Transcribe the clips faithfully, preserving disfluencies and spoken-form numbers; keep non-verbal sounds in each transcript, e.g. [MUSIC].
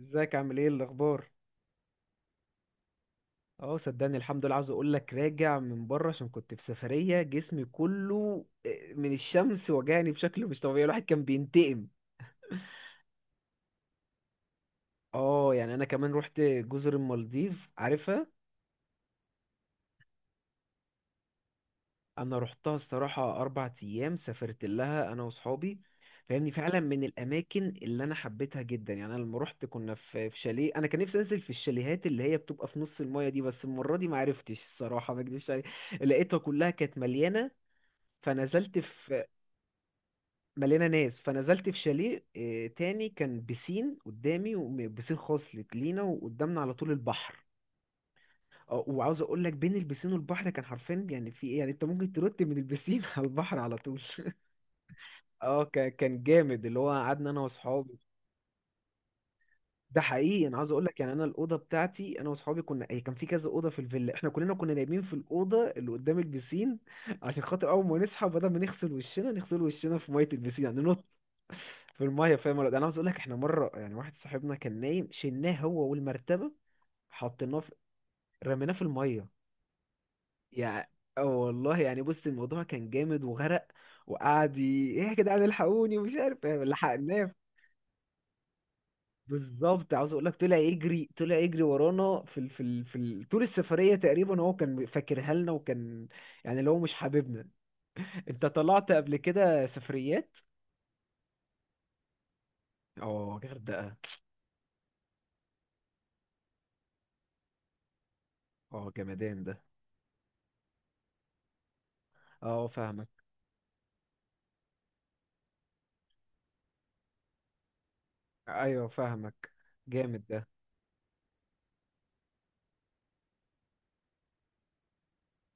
ازيك عامل ايه الاخبار؟ اه، صدقني الحمد لله. عاوز اقول لك راجع من بره عشان كنت في سفريه. جسمي كله آه، من الشمس وجعني بشكل مش طبيعي، الواحد كان بينتقم. اه، يعني انا كمان رحت جزر المالديف، عارفها؟ انا رحتها الصراحه، اربع ايام سافرت لها انا واصحابي. فاهمني، فعلا من الاماكن اللي انا حبيتها جدا. يعني انا لما رحت كنا في في شاليه. انا كان نفسي انزل في الشاليهات اللي هي بتبقى في نص المايه دي، بس المره دي ما عرفتش الصراحه، ما اكدبش عليك. لقيتها كلها كانت مليانه. فنزلت في... مليانه ناس، فنزلت في شاليه آه، تاني. كان بسين قدامي وبسين خاص لت- لينا، وقدامنا على طول البحر. آه، وعاوز اقول لك بين البسين والبحر كان حرفيا. يعني في ايه، يعني انت ممكن ترد من البسين [LAUGHS] على البحر على طول [LAUGHS] اه، ك- كان جامد، اللي هو قعدنا انا واصحابي. ده حقيقي. انا عاوز اقول لك، يعني انا الاوضه بتاعتي انا واصحابي كنا، هي كان في كذا اوضه في الفيلا، احنا كلنا كنا نايمين في الاوضه اللي قدام البسين. عشان خاطر اول ما نصحى، بدل ما نغسل وشنا نغسل وشنا في ميه البسين، يعني ننط. في الميه، فاهم ولا لأ؟ انا عاوز اقول لك، احنا مره يعني واحد صاحبنا كان نايم، شلناه هو والمرتبه. حطيناه في... رميناه في الميه. يعني. اه والله، يعني بص الموضوع كان جامد. وغرق. وقعد ي-... ايه يا جدعان، الحقوني ومش عارف إيه، لحقناه. بالظبط، عاوز اقول لك طلع يجري، طلع يجري ورانا في ال... في ال... في ال... طول السفريه تقريبا هو كان فاكرها لنا، وكان... يعني اللي هو مش حاببنا. انت طلعت قبل كده سفريات؟ اه، غردقه. اه، جمدان ده. اه، فاهمك. ايوه، فاهمك. جامد ده.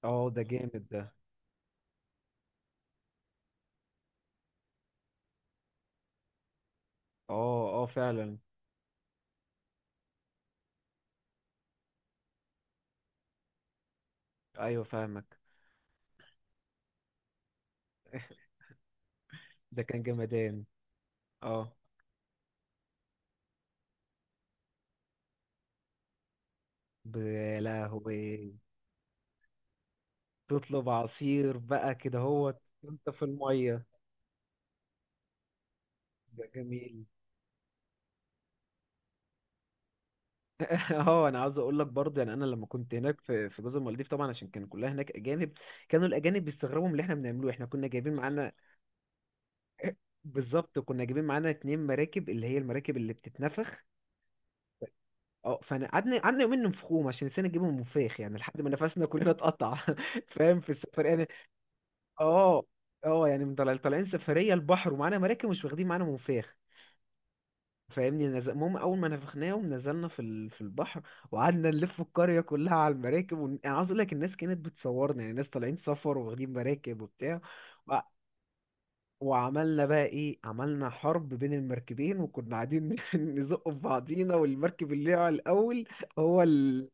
اه، ده جامد ده. اه، اه، فعلا. ايوه، فاهمك. [LAUGHS] ده كان جمدان. اه، ب- يا لهوي. تطلب عصير بقى كده هو. وانت في الميه. ده جميل. اه، انا عاوز اقول لك برضه، يعني انا لما كنت هناك في في جزر المالديف، طبعا عشان كان كلها هناك اجانب. كانوا الاجانب بيستغربوا من اللي احنا بنعمله، احنا كنا جايبين معانا... [LAUGHS] بالظبط، كنا جايبين معانا اتنين مراكب، اللي هي المراكب اللي بتتنفخ. اه، فانا قعدنا قعدنا يومين ننفخوهم، عشان نسينا نجيبهم مفاخ، يعني لحد ما نفسنا كلنا اتقطع [LAUGHS] فاهم في السفر يعني. اه، اه، يعني من طالع- طالعين سفريه البحر، ومعانا مراكب مش واخدين معانا منفاخ. فاهمني، نز... المهم اول ما نفخناه ونزلنا في ال... في البحر. وقعدنا نلف القريه كلها على المراكب ون... انا عاوز اقول لك الناس كانت بتصورنا، يعني ناس طالعين سفر واخدين مراكب وبتاع. و... وعملنا بقى ايه، عملنا حرب بين المركبين، وكنا قاعدين [LAUGHS] نزق في بعضينا، والمركب اللي على الاول... هو ال...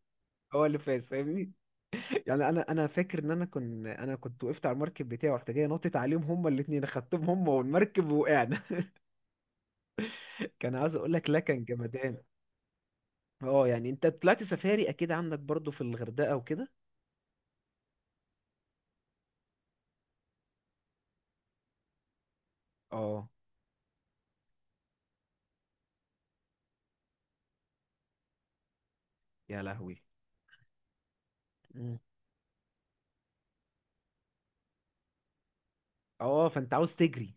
هو اللي فاز، فاهمني. [LAUGHS] يعني انا انا فاكر ان انا كنت انا كنت وقفت على المركب بتاعي، ورحت جاي نطت عليهم هما الاثنين، اخدتهم هما والمركب، وقعنا. [LAUGHS] كان عايز اقول لك، لا كان جمدان. اه، يعني انت طلعت سفاري اكيد عندك برضو في الغردقة وكده. اه، يا لهوي. مم. اه، فانت عاوز تجري.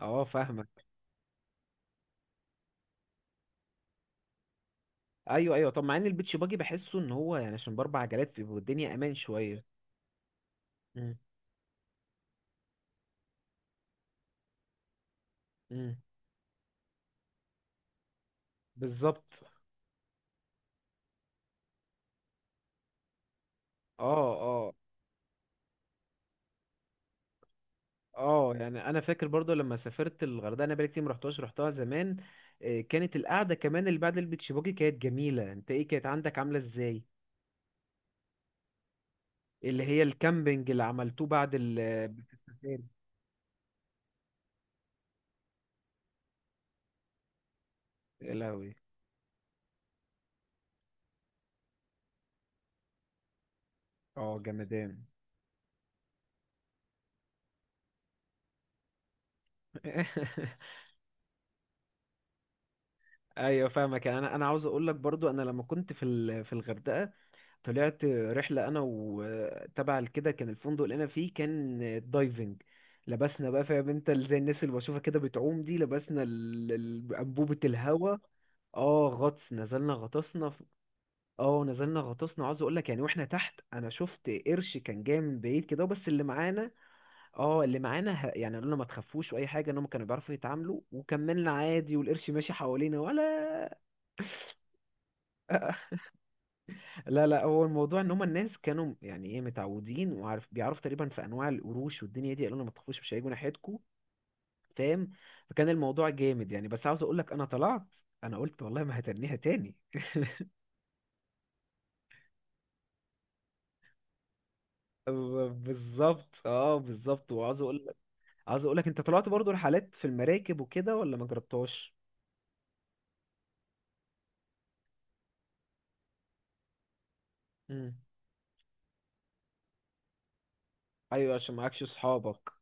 اه، فاهمك. ايوه، ايوه، طب مع ان البيتش باجي بحسه ان هو يعني عشان باربع عجلات بيبقى الدنيا امان شوية. مم. مم. بالظبط. اه، اه، اه، يعني انا فاكر برضو لما سافرت الغردقة، انا بقالي كتير ما رحتهاش، رحتها زمان. آه، كانت القعدة كمان اللي بعد البيتش باجي كانت جميلة. انت ايه كانت عندك عاملة ازاي؟ اللي هي الكامبينج اللي عملتوه بعد ال... [LAUGHS] في السفاري. يا لهوي. اه، جمدان. [LAUGHS] ايوه، فاهمك. يعني انا انا عاوز اقول لك برضو، انا لما كنت في ال- في الغردقه... طلعت رحله انا وتبع كده. كان الفندق اللي انا فيه كان... دايفنج. لبسنا بقى، فاهم انت ال- زي الناس اللي بشوفها كده بتعوم دي. لبسنا ال- ال- انبوبه الهوا. اه، غطس. نزلنا غطسنا في- اه، نزلنا غطسنا. عاوز اقول لك، يعني واحنا تحت انا شفت قرش كان جاي من بعيد كده، بس اللي معانا... اه، اللي معانا ه- يعني قالوا لنا ما تخافوش، واي حاجه انهم كانوا بيعرفوا يتعاملوا، وكملنا عادي والقرش ماشي حوالينا ولا... [LAUGHS] لا، لا، هو الموضوع ان هم الناس كانوا يعني ايه متعودين وعارف، بيعرفوا تقريبا في انواع القروش والدنيا دي، قالوا لنا ما تخافوش مش هيجوا ناحيتكم. فاهم. فكان الموضوع جامد يعني. بس عاوز اقول لك انا طلعت... انا قلت والله ما هتنيها تاني. [LAUGHS] ب- بالظبط، اه، بالظبط. وعاوز اقول لك... عاوز اقول لك، انت طلعت برضو رحلات في المراكب وكده ولا ما جربتهاش؟ امم. ايوه، عشان معكش اصحابك.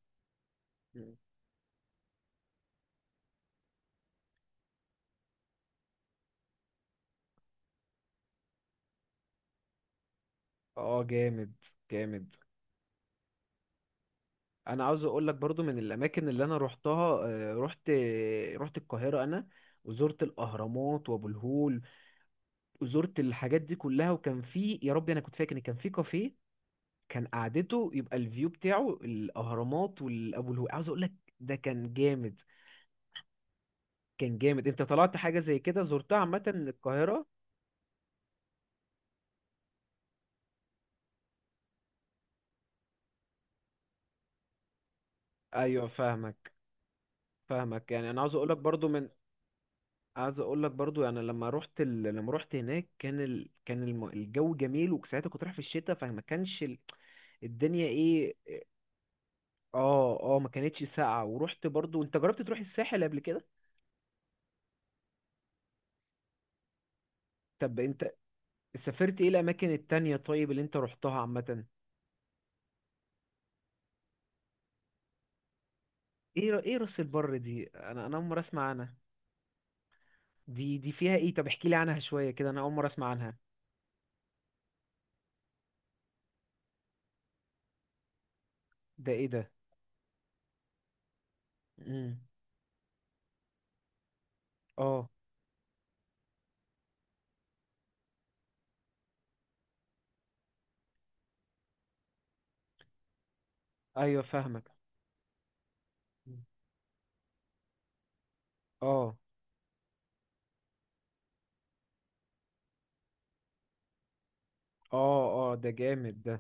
اه، جامد. جامد. انا عاوز اقول لك برضو، من الاماكن اللي انا روحتها آه، روحت... روحت القاهره انا. وزرت الاهرامات وابو الهول. وزرت الحاجات دي كلها. وكان في، يا ربي، انا كنت فاكر ان كان في كافيه. كان قعدته يبقى الفيو بتاعه الاهرامات والابو الهول، عاوز اقول لك. ده كان جامد. كان جامد. انت طلعت حاجه زي كده زرتها عامه من القاهره؟ ايوه، فاهمك. فاهمك. يعني انا عاوز اقول لك برضو من... عايز اقول لك برضو يعني لما رحت ال... لما رحت هناك كان ال... كان الم... الجو جميل، وساعتها كنت رايح في الشتاء، فما كانش ال... الدنيا ايه. اه، اه، ما كانتش ساقعة. ورحت برضو، انت جربت تروح الساحل قبل كده؟ طب انت... سافرت ايه الاماكن التانية طيب اللي انت رحتها عامة؟ ايه ر- ايه راس البر دي، انا انا اول مرة اسمع عنها. دي دي فيها ايه؟ طب احكي لي عنها شوية كده، انا اول مرة اسمع عنها. ده ايه ده؟ امم. اه. ايوه، فاهمك. اه، اه، اه، ده جامد ده.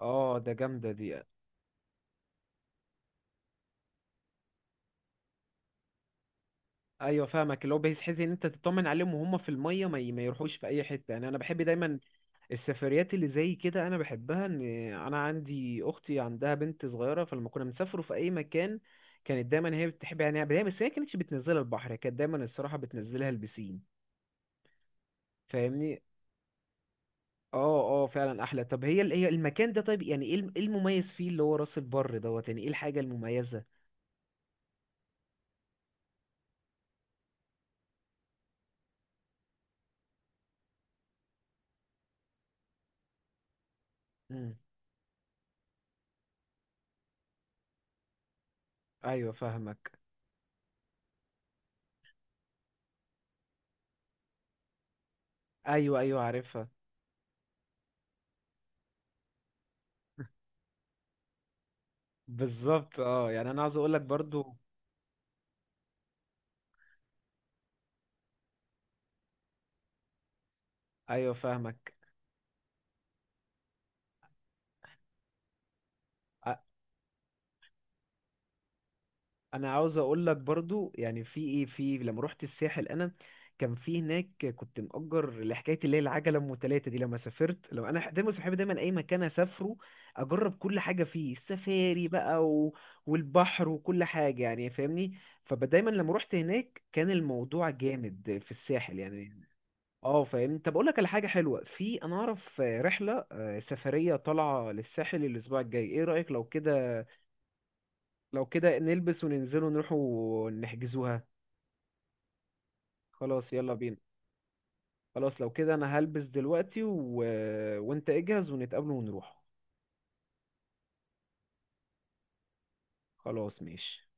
اه، ده جامدة دي. ايوه، فاهمك. اللي هو بحيث حيث ان انت تطمن عليهم وهم في الميه، ما, ي- ما يروحوش في اي حته، يعني انا بحب دايما... السفريات اللي زي كده انا بحبها، ان... انا عندي اختي عندها بنت صغيره، فلما كنا بنسافروا في اي مكان... كانت دايما هي بتحب، يعني دايما، بس هي كانتش بتنزلها البحر، هي كانت دايما الصراحه بتنزلها البسين. فاهمني. اه. اه، فعلا احلى. طب هي ال- هي المكان ده طيب، يعني ايه الم- إيه المميز فيه، اللي هو راس البر دوت، يعني ايه الحاجه المميزه؟ امم. ايوه، فاهمك. ايوه، ايوه، عارفها. بالظبط. اه، يعني انا عاوز اقول لك برضو... ايوه، فاهمك. أ- انا عاوز اقول لك برضو، يعني في ايه في لما رحت الساحل، انا... كان في هناك كنت مأجر لحكايه اللي هي العجله ام تلاته دي. لما سافرت، لما انا دايما صاحبي دايما اي مكان اسافره... اجرب كل حاجه فيه السفاري بقى و... والبحر وكل حاجه، يعني فاهمني. فدايما لما رحت هناك كان الموضوع جامد في الساحل يعني. اه، فاهمني. طب اقول لك على حاجه حلوه، في انا اعرف رحله آه، سفريه طالعه للساحل الاسبوع الجاي، ايه رايك لو كده؟ لو كده نلبس وننزل ونروح. نحجزوها. خلاص يلا بينا. خلاص لو كده انا هلبس دلوقتي و... وانت اجهز ونتقابل ونروح. خلاص ماشي.